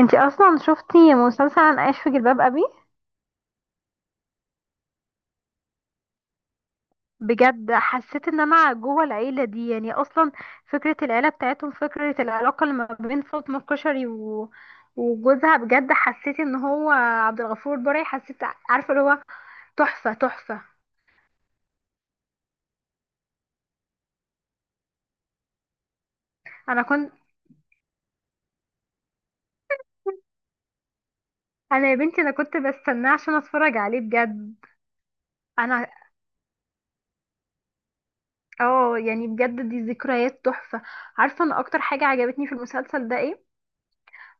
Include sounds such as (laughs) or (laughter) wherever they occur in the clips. انتي اصلا شفتي مسلسل انا عايش في جلباب ابي؟ بجد حسيت ان انا جوه العيله دي، يعني اصلا فكره العيله بتاعتهم، فكره العلاقه اللي ما بين فاطمه الكشري و... وجوزها. بجد حسيت ان هو عبد الغفور البرعي. حسيت، عارفه اللي هو تحفه تحفه. انا كنت، انا يا بنتي انا كنت بستناه عشان اتفرج عليه بجد. انا، اه يعني بجد دي ذكريات تحفه. عارفه ان اكتر حاجه عجبتني في المسلسل ده ايه؟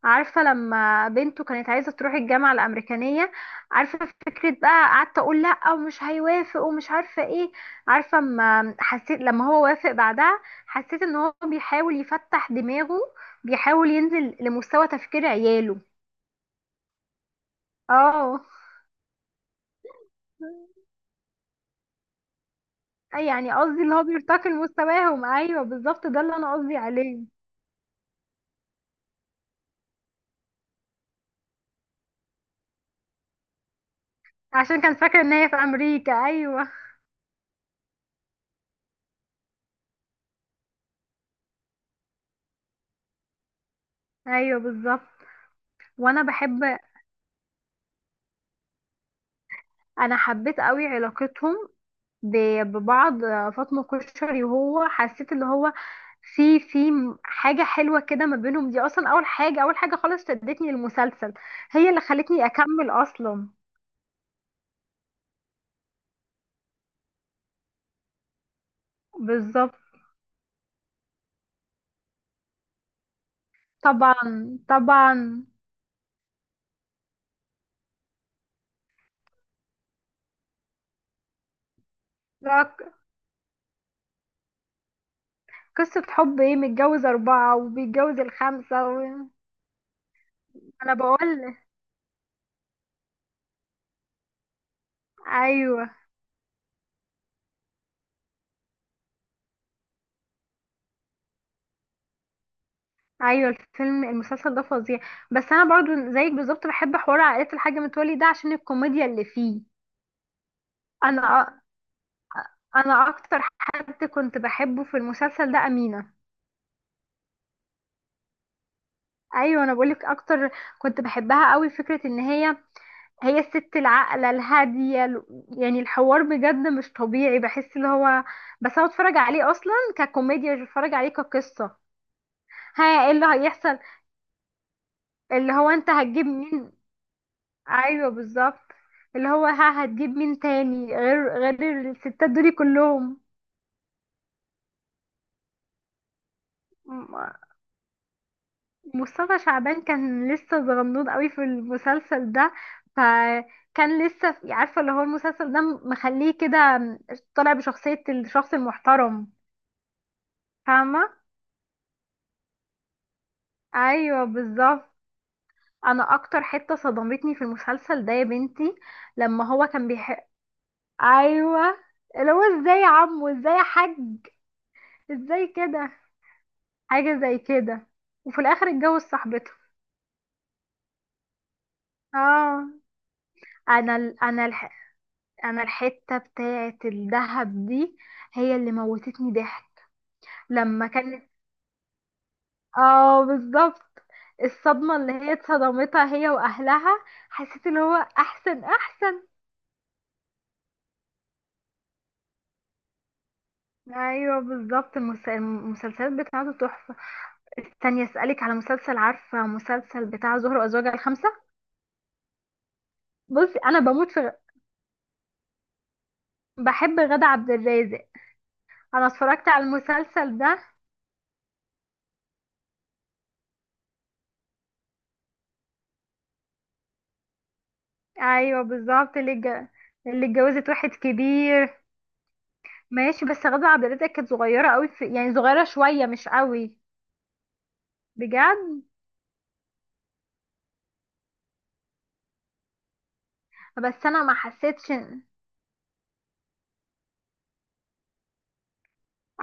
عارفة لما بنته كانت عايزة تروح الجامعة الأمريكانية، عارفة؟ فكرة بقى قعدت أقول لأ ومش هيوافق ومش عارفة ايه. عارفة اما حسيت لما هو وافق بعدها، حسيت ان هو بيحاول يفتح دماغه، بيحاول ينزل لمستوى تفكير عياله. اه، أي يعني قصدي اللي هو بيرتقي لمستواهم، ايوه بالظبط ده اللي انا قصدي عليه. عشان كان فاكر ان هي في امريكا، ايوه. ايوه بالظبط. وانا بحب، انا حبيت قوي علاقتهم ببعض. فاطمة كشري وهو، حسيت اللي هو في حاجة حلوة كده ما بينهم. دي أصلا أول حاجة، أول حاجة خالص شدتني للمسلسل. هي اللي خلتني أكمل أصلا. بالظبط. طبعا طبعا. لا، قصة حب ايه؟ متجوز أربعة وبيتجوز الخامسة و... أنا بقول، أيوه. أيوه الفيلم، المسلسل ده فظيع. بس أنا برضو زيك بالظبط بحب حوار عائلة الحاج متولي ده عشان الكوميديا اللي فيه. انا انا اكتر حد كنت بحبه في المسلسل ده امينه. ايوه، انا بقولك اكتر كنت بحبها قوي. فكره ان هي، هي الست العاقله الهاديه يعني الحوار بجد مش طبيعي. بحس اللي هو، بس انا اتفرج عليه اصلا ككوميديا، مش بتفرج عليه كقصه. ها، ايه اللي هيحصل؟ اللي هو انت هتجيب مين؟ ايوه بالظبط. اللي هو ها هتجيب مين تاني غير الستات دول كلهم؟ مصطفى شعبان كان لسه صغنون قوي في المسلسل ده. فكان لسه عارفه اللي هو المسلسل ده مخليه كده طالع بشخصيه الشخص المحترم. فاهمه؟ ايوه بالظبط. انا اكتر حته صدمتني في المسلسل ده يا بنتي لما هو كان بيحب. ايوه، اللي هو ازاي يا عمو، ازاي يا حاج؟ ازاي كده، حاجه زي كده. وفي الاخر اتجوز صاحبته. اه، انا انا الحته بتاعه الدهب دي هي اللي موتتني ضحك. لما كانت، اه بالظبط. الصدمه اللي هي اتصدمتها هي واهلها، حسيت اللي هو احسن احسن. ايوه بالظبط، المسلسلات بتاعته تحفه. استني اسالك على مسلسل، عارفه مسلسل بتاع زهر وازواجها الخمسه؟ بصي، انا بموت في، بحب غادة عبد الرازق. انا اتفرجت على المسلسل ده. ايوه بالظبط، اللي اتجوزت واحد كبير. ماشي، بس غادة عبد الرازق كانت صغيرة قوي في، يعني صغيرة شوية مش قوي. بجد؟ بس انا ما حسيتش.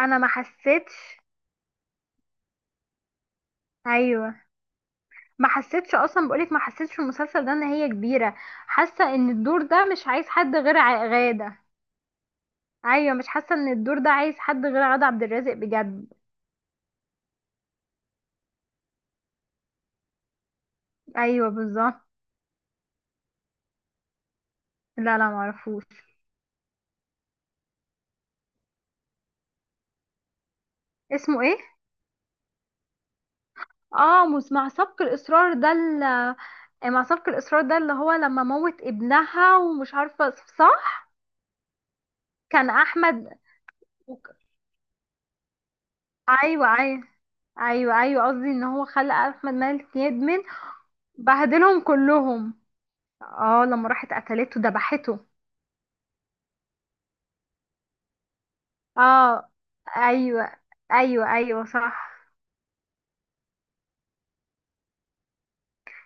انا ما حسيتش. ايوه. ما حسيتش اصلا، بقولك ما حسيتش في المسلسل ده ان هي كبيرة. حاسة ان الدور ده مش عايز حد غير غادة. ايوه، مش حاسة ان الدور ده عايز حد غير غادة عبد الرازق بجد. ايوه بالظبط. لا لا معرفوش. اسمه ايه؟ اه مع سبق الاصرار ده مع سبق الاصرار ده اللي هو لما موت ابنها ومش عارفة. صح، كان احمد وك- ايوه ايوه. ايوه ايوه قصدي ان هو خلى احمد مالك يدمن. بهدلهم كلهم. اه لما راحت قتلته ذبحته. اه ايوه ايوه، ايوه صح.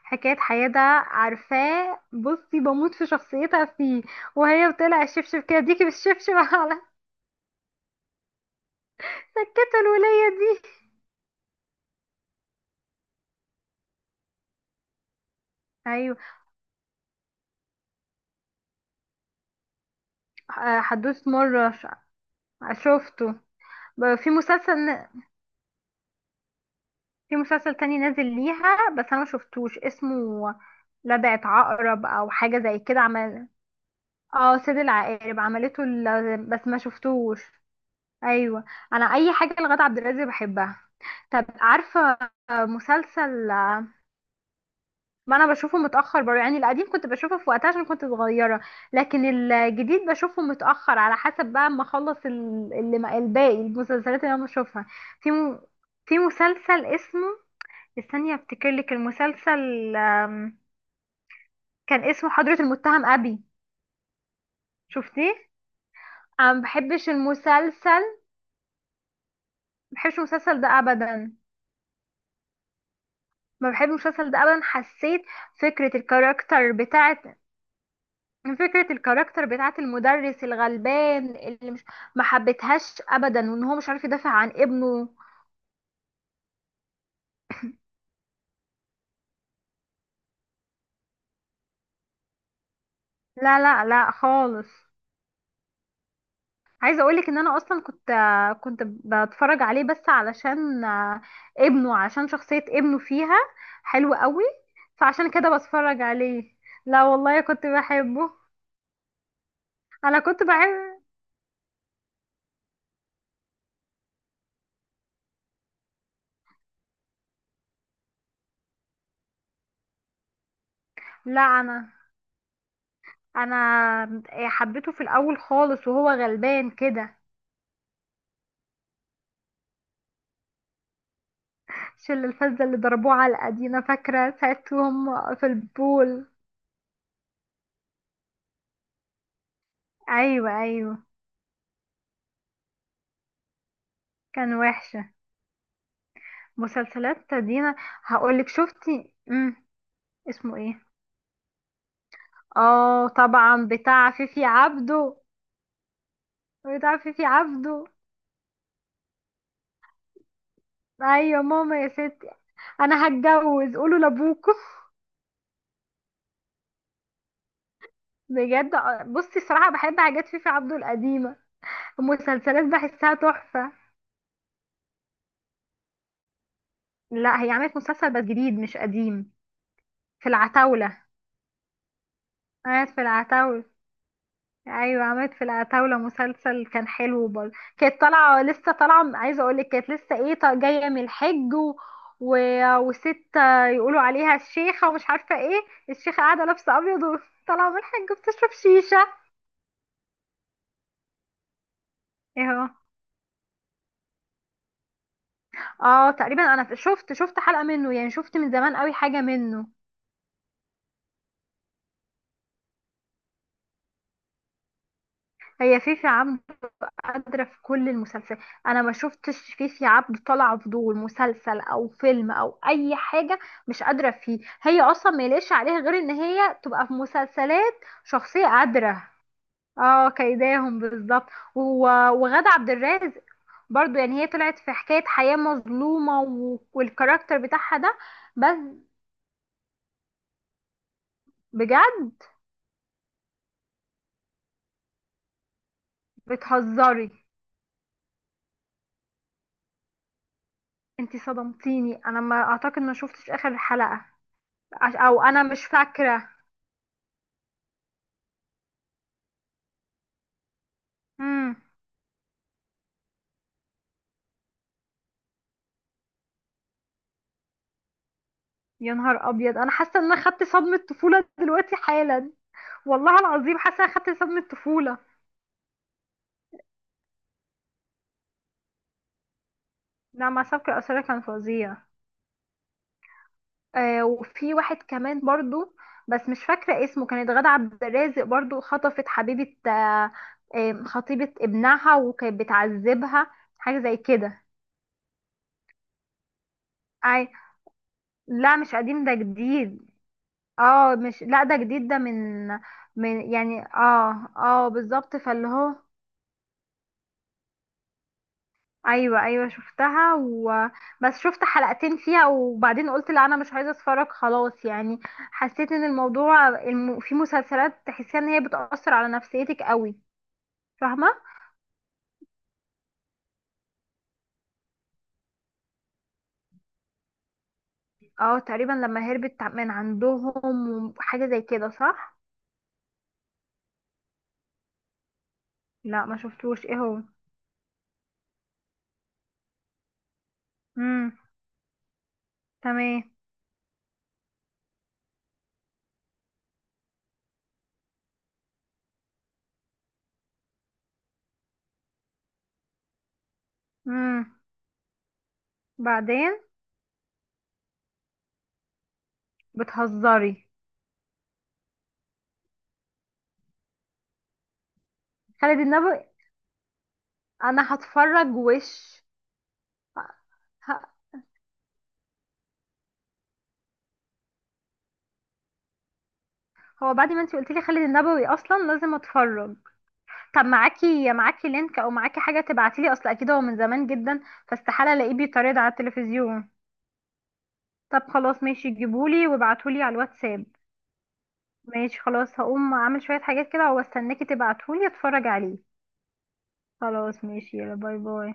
حكاية حياة ده عارفاه. بصي، بموت في شخصيتها فيه، وهي بتقلع الشبشب كده، ديكي بالشبشب (laughs) على سكتة الولية دي. ايوه. آه، حدوث مرة شفته. في مسلسل، في مسلسل تاني نازل ليها بس انا مشفتوش اسمه. لدغت عقرب او حاجه زي كده عمل. اه سيد العقارب عملته بس ما شفتوش. ايوه، انا اي حاجه لغادة عبد الرازق بحبها. طب عارفه مسلسل، ما انا بشوفه متاخر برضه. يعني القديم كنت بشوفه في وقتها عشان كنت صغيره، لكن الجديد بشوفه متاخر، على حسب بقى ما اخلص ال- اللي ما- الباقي المسلسلات اللي انا بشوفها. في م... في مسلسل اسمه، استني افتكر لك المسلسل. كان اسمه حضرة المتهم ابي. شفتيه؟ انا ما بحبش المسلسل، ما بحبش المسلسل ده ابدا. ما بحبش المسلسل ده ابدا، حسيت فكرة الكاركتر بتاعت، فكرة الكاركتر بتاعت المدرس الغلبان اللي مش، ما حبيتهاش ابدا. وان هو مش عارف يدافع عن ابنه. لا لا لا خالص. عايزة اقولك ان انا اصلا كنت، كنت بتفرج عليه بس علشان ابنه، عشان شخصية ابنه فيها حلوة قوي، فعشان كده بتفرج عليه. لا والله كنت بحبه. انا كنت بحب، لا، انا إيه، حبيته في الاول خالص وهو غلبان كده. شل الفزة اللي ضربوه على الأدينا، فاكرة ساعتهم في البول؟ ايوه ايوه. كان وحشة. مسلسلات دينا هقولك، شفتي؟ اسمه ايه؟ اه طبعا بتاع فيفي عبده، بتاع فيفي عبده. ايوه ماما يا ستي، انا هتجوز قولوا لابوكم. بجد، بصي صراحة بحب حاجات فيفي عبده القديمة، المسلسلات بحسها تحفة. لا هي عملت مسلسل بس جديد مش قديم. في العتاولة، عملت في العتاولة. ايوه عملت في العتاولة مسلسل كان حلو برضه. كانت طالعة لسه، طالعة عايزة اقولك كانت لسه ايه، جاية من الحج و... و... وست يقولوا عليها الشيخة ومش عارفة ايه. الشيخة قاعدة لابسة ابيض وطالعة من الحج بتشرب شيشة. ايه هو؟ اه تقريبا انا شفت، شفت حلقة منه. يعني شفت من زمان قوي حاجة منه. هي فيفي عبده قادرة في كل المسلسلات. انا ما شفتش فيفي عبد طالعة فضول مسلسل او فيلم او اي حاجة مش قادرة فيه. هي اصلا ما يليقش عليها غير ان هي تبقى في مسلسلات شخصية قادرة. اه كيداهم بالظبط. وغادة عبد الرازق برضو، يعني هي طلعت في حكاية حياة مظلومة والكاركتر بتاعها ده. بس بجد؟ بتهزري؟ انتي صدمتيني، انا ما اعتقد، ما شفتش اخر حلقة. او انا مش فاكرة. مم. يا نهار ابيض، انا حاسه ان انا خدت صدمه طفوله دلوقتي حالا. والله العظيم حاسه ان انا خدت صدمه طفوله. نعم مع سبك الأسرة كان فظيع. آه وفي واحد كمان برضو بس مش فاكره اسمه، كانت غادة عبد الرازق برضو خطفت حبيبه، آه، آه، خطيبه ابنها وكانت بتعذبها، حاجه زي كده. أي، لا مش قديم ده جديد. اه مش، لا ده جديد، ده من، من يعني، اه اه بالظبط فاللي هو، ايوه ايوه شفتها و... بس شفت حلقتين فيها وبعدين قلت لا انا مش عايزه اتفرج خلاص يعني. حسيت ان الموضوع في مسلسلات تحسيها ان هي بتأثر على نفسيتك قوي. فاهمه. اه تقريبا لما هربت من عندهم وحاجه زي كده، صح؟ لا ما شفتوش، ايه هو؟ امم، تمام. امم، بعدين بتهزري؟ خالد النبوي، انا هتفرج وش. ه- هو بعد ما انتي قلتلي خالد النبوي اصلا لازم اتفرج. طب معاكي، معاكي لينك او معاكي حاجه تبعتيلي؟ اصل اكيد هو من زمان جدا، فاستحاله الاقيه بيتعرض على التلفزيون. طب خلاص ماشي، جيبولي وابعتولي على الواتساب. ماشي خلاص، هقوم اعمل شويه حاجات كده واستناكي تبعتولي اتفرج عليه. خلاص ماشي، يلا باي باي.